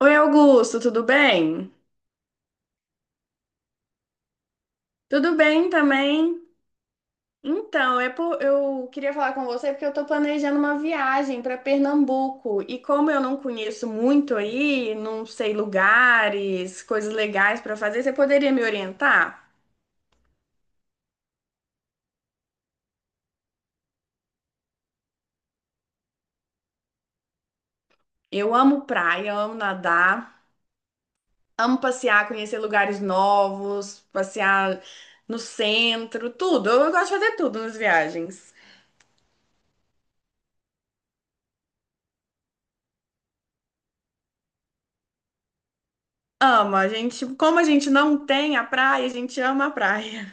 Oi, Augusto, tudo bem? Tudo bem também. Então, eu queria falar com você porque eu estou planejando uma viagem para Pernambuco e, como eu não conheço muito aí, não sei lugares, coisas legais para fazer, você poderia me orientar? Eu amo praia, amo nadar, amo passear, conhecer lugares novos, passear no centro, tudo. Eu gosto de fazer tudo nas viagens. Ama, a gente, como a gente não tem a praia, a gente ama a praia.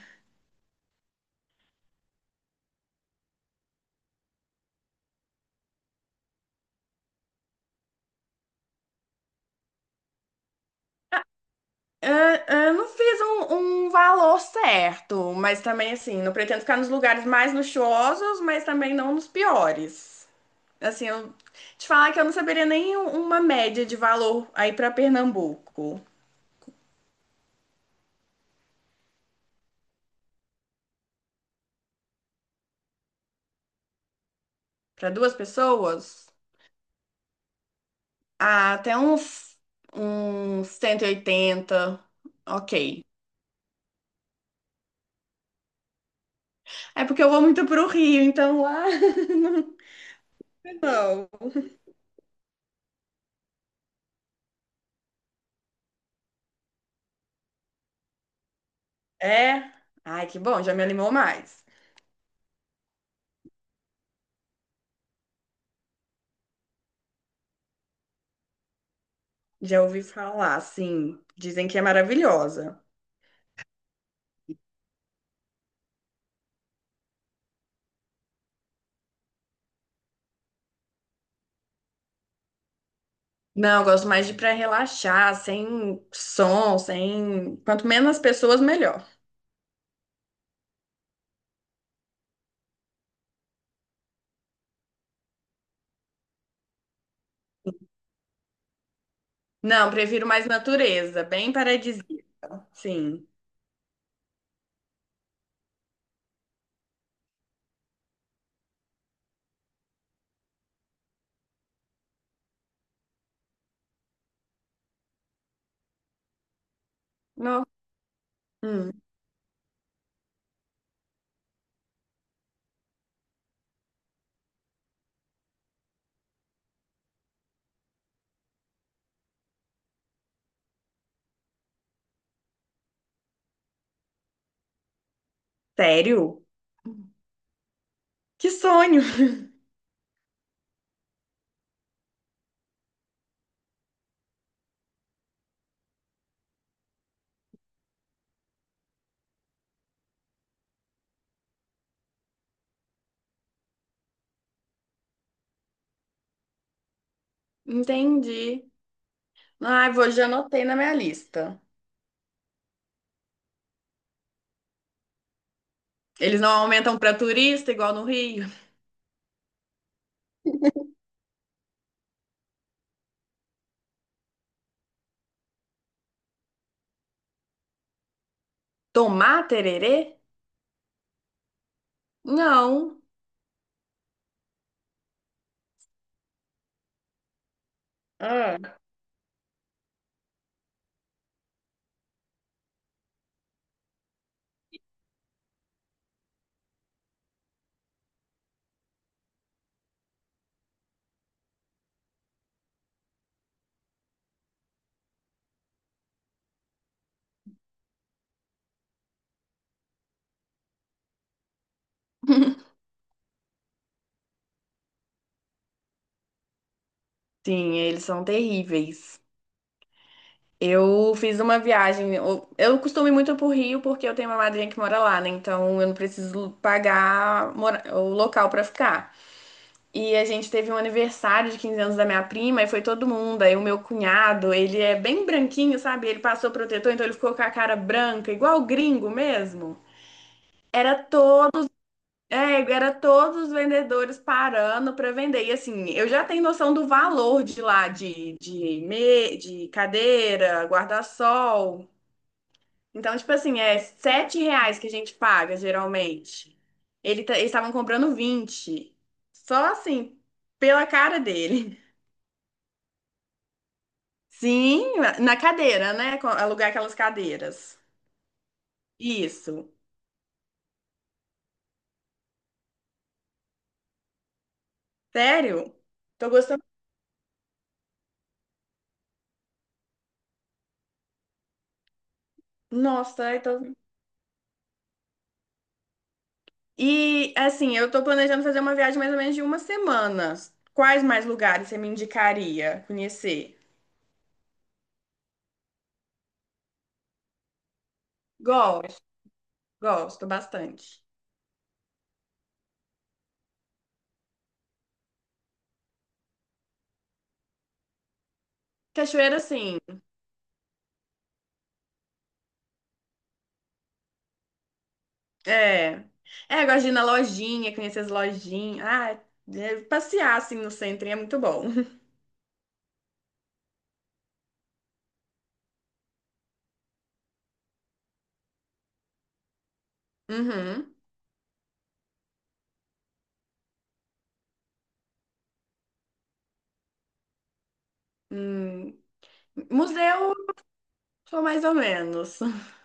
Eu, eu não fiz um valor certo, mas também, assim, não pretendo ficar nos lugares mais luxuosos, mas também não nos piores. Assim, eu te falar que eu não saberia nem um- uma média de valor aí para Pernambuco. Para duas pessoas, ah, uns 180, ok. É porque eu vou muito pro Rio, então lá não. Não. É? Ai, que bom, já me animou mais. Já ouvi falar, assim, dizem que é maravilhosa. Não, eu gosto mais de pra relaxar, sem som, sem. Quanto menos pessoas, melhor. Não, prefiro mais natureza, bem paradisíaca. Sim. Não. Hum. Sério? Que sonho! Entendi. Ai, vou, já anotei na minha lista. Eles não aumentam pra turista, igual no Rio. Tomar tererê? Não. Ah. Sim, eles são terríveis. Eu fiz uma viagem. Eu costumo ir muito pro Rio porque eu tenho uma madrinha que mora lá, né? Então eu não preciso pagar o local pra ficar. E a gente teve um aniversário de 15 anos da minha prima e foi todo mundo. Aí o meu cunhado, ele é bem branquinho, sabe? Ele passou protetor, então ele ficou com a cara branca, igual gringo mesmo. Era todo, é, era todos os vendedores parando pra vender. E, assim, eu já tenho noção do valor de lá, de cadeira, guarda-sol. Então, tipo assim, é R$ 7 que a gente paga, geralmente. Eles estavam comprando 20. Só assim, pela cara dele. Sim, na cadeira, né? Alugar aquelas cadeiras. Isso. Sério? Tô gostando. Nossa, eu tô... E, assim, eu tô planejando fazer uma viagem mais ou menos de uma semana. Quais mais lugares você me indicaria conhecer? Gosto, gosto bastante. Cachoeira, sim. É. É, gosto de ir na lojinha, conhecer as lojinhas. Ah, é, passear assim no centro é muito bom. Uhum. Hum. Museu, sou mais ou menos.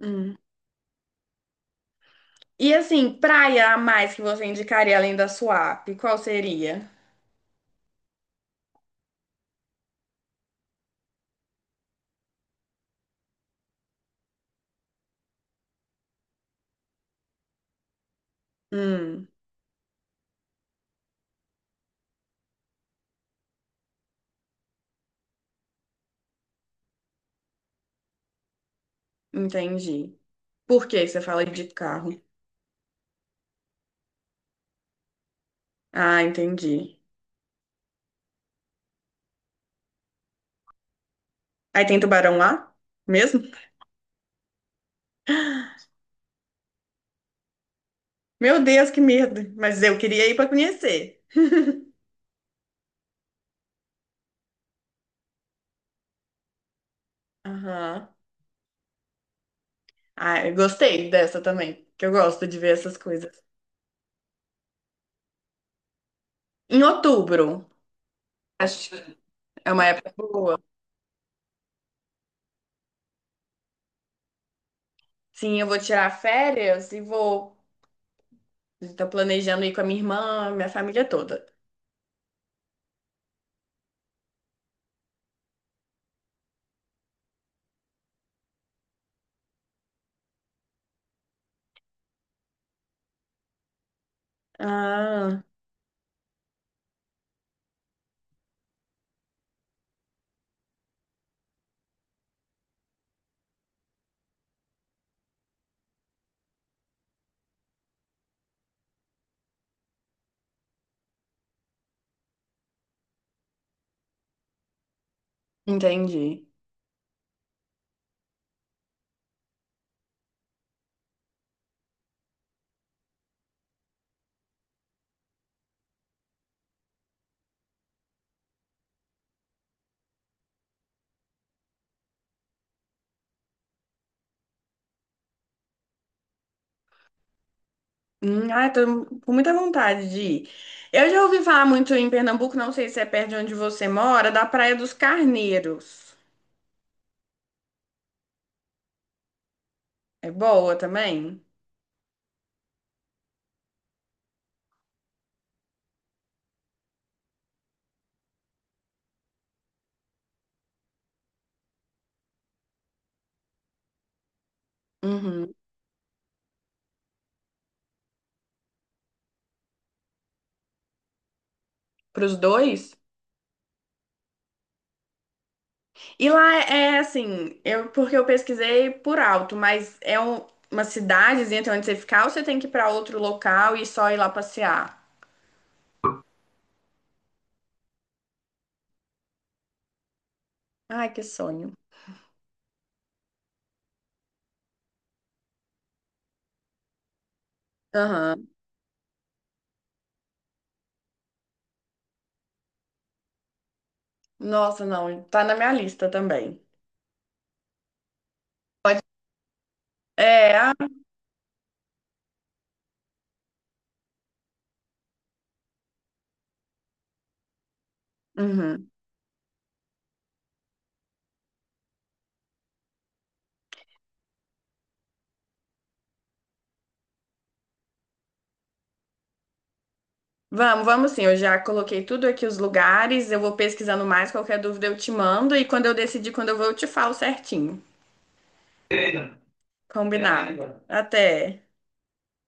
Hum. E, assim, praia a mais que você indicaria além da Suape, qual seria? Hum, entendi. Por que você fala de carro? Ah, entendi. Aí tem tubarão lá? Mesmo? Meu Deus, que medo. Mas eu queria ir pra conhecer. Aham. Ah, eu gostei dessa também, que eu gosto de ver essas coisas. Em outubro, acho que é uma época boa. Sim, eu vou tirar férias e vou. Estou planejando ir com a minha irmã, minha família toda. Ah, entendi. Ah, tô com muita vontade de ir. Eu já ouvi falar muito em Pernambuco, não sei se é perto de onde você mora, da Praia dos Carneiros. É boa também? Uhum. Para os dois? E lá é é assim, eu, porque eu pesquisei por alto, mas uma cidadezinha, tem onde você ficar, ou você tem que ir para outro local e só ir lá passear? Ai, que sonho. Aham. Nossa, não, tá na minha lista também. Pode. É, ah, uhum. Vamos, vamos sim. Eu já coloquei tudo aqui os lugares. Eu vou pesquisando mais. Qualquer dúvida eu te mando. E quando eu decidir quando eu vou, eu te falo certinho. Combinado. Combinado. Até.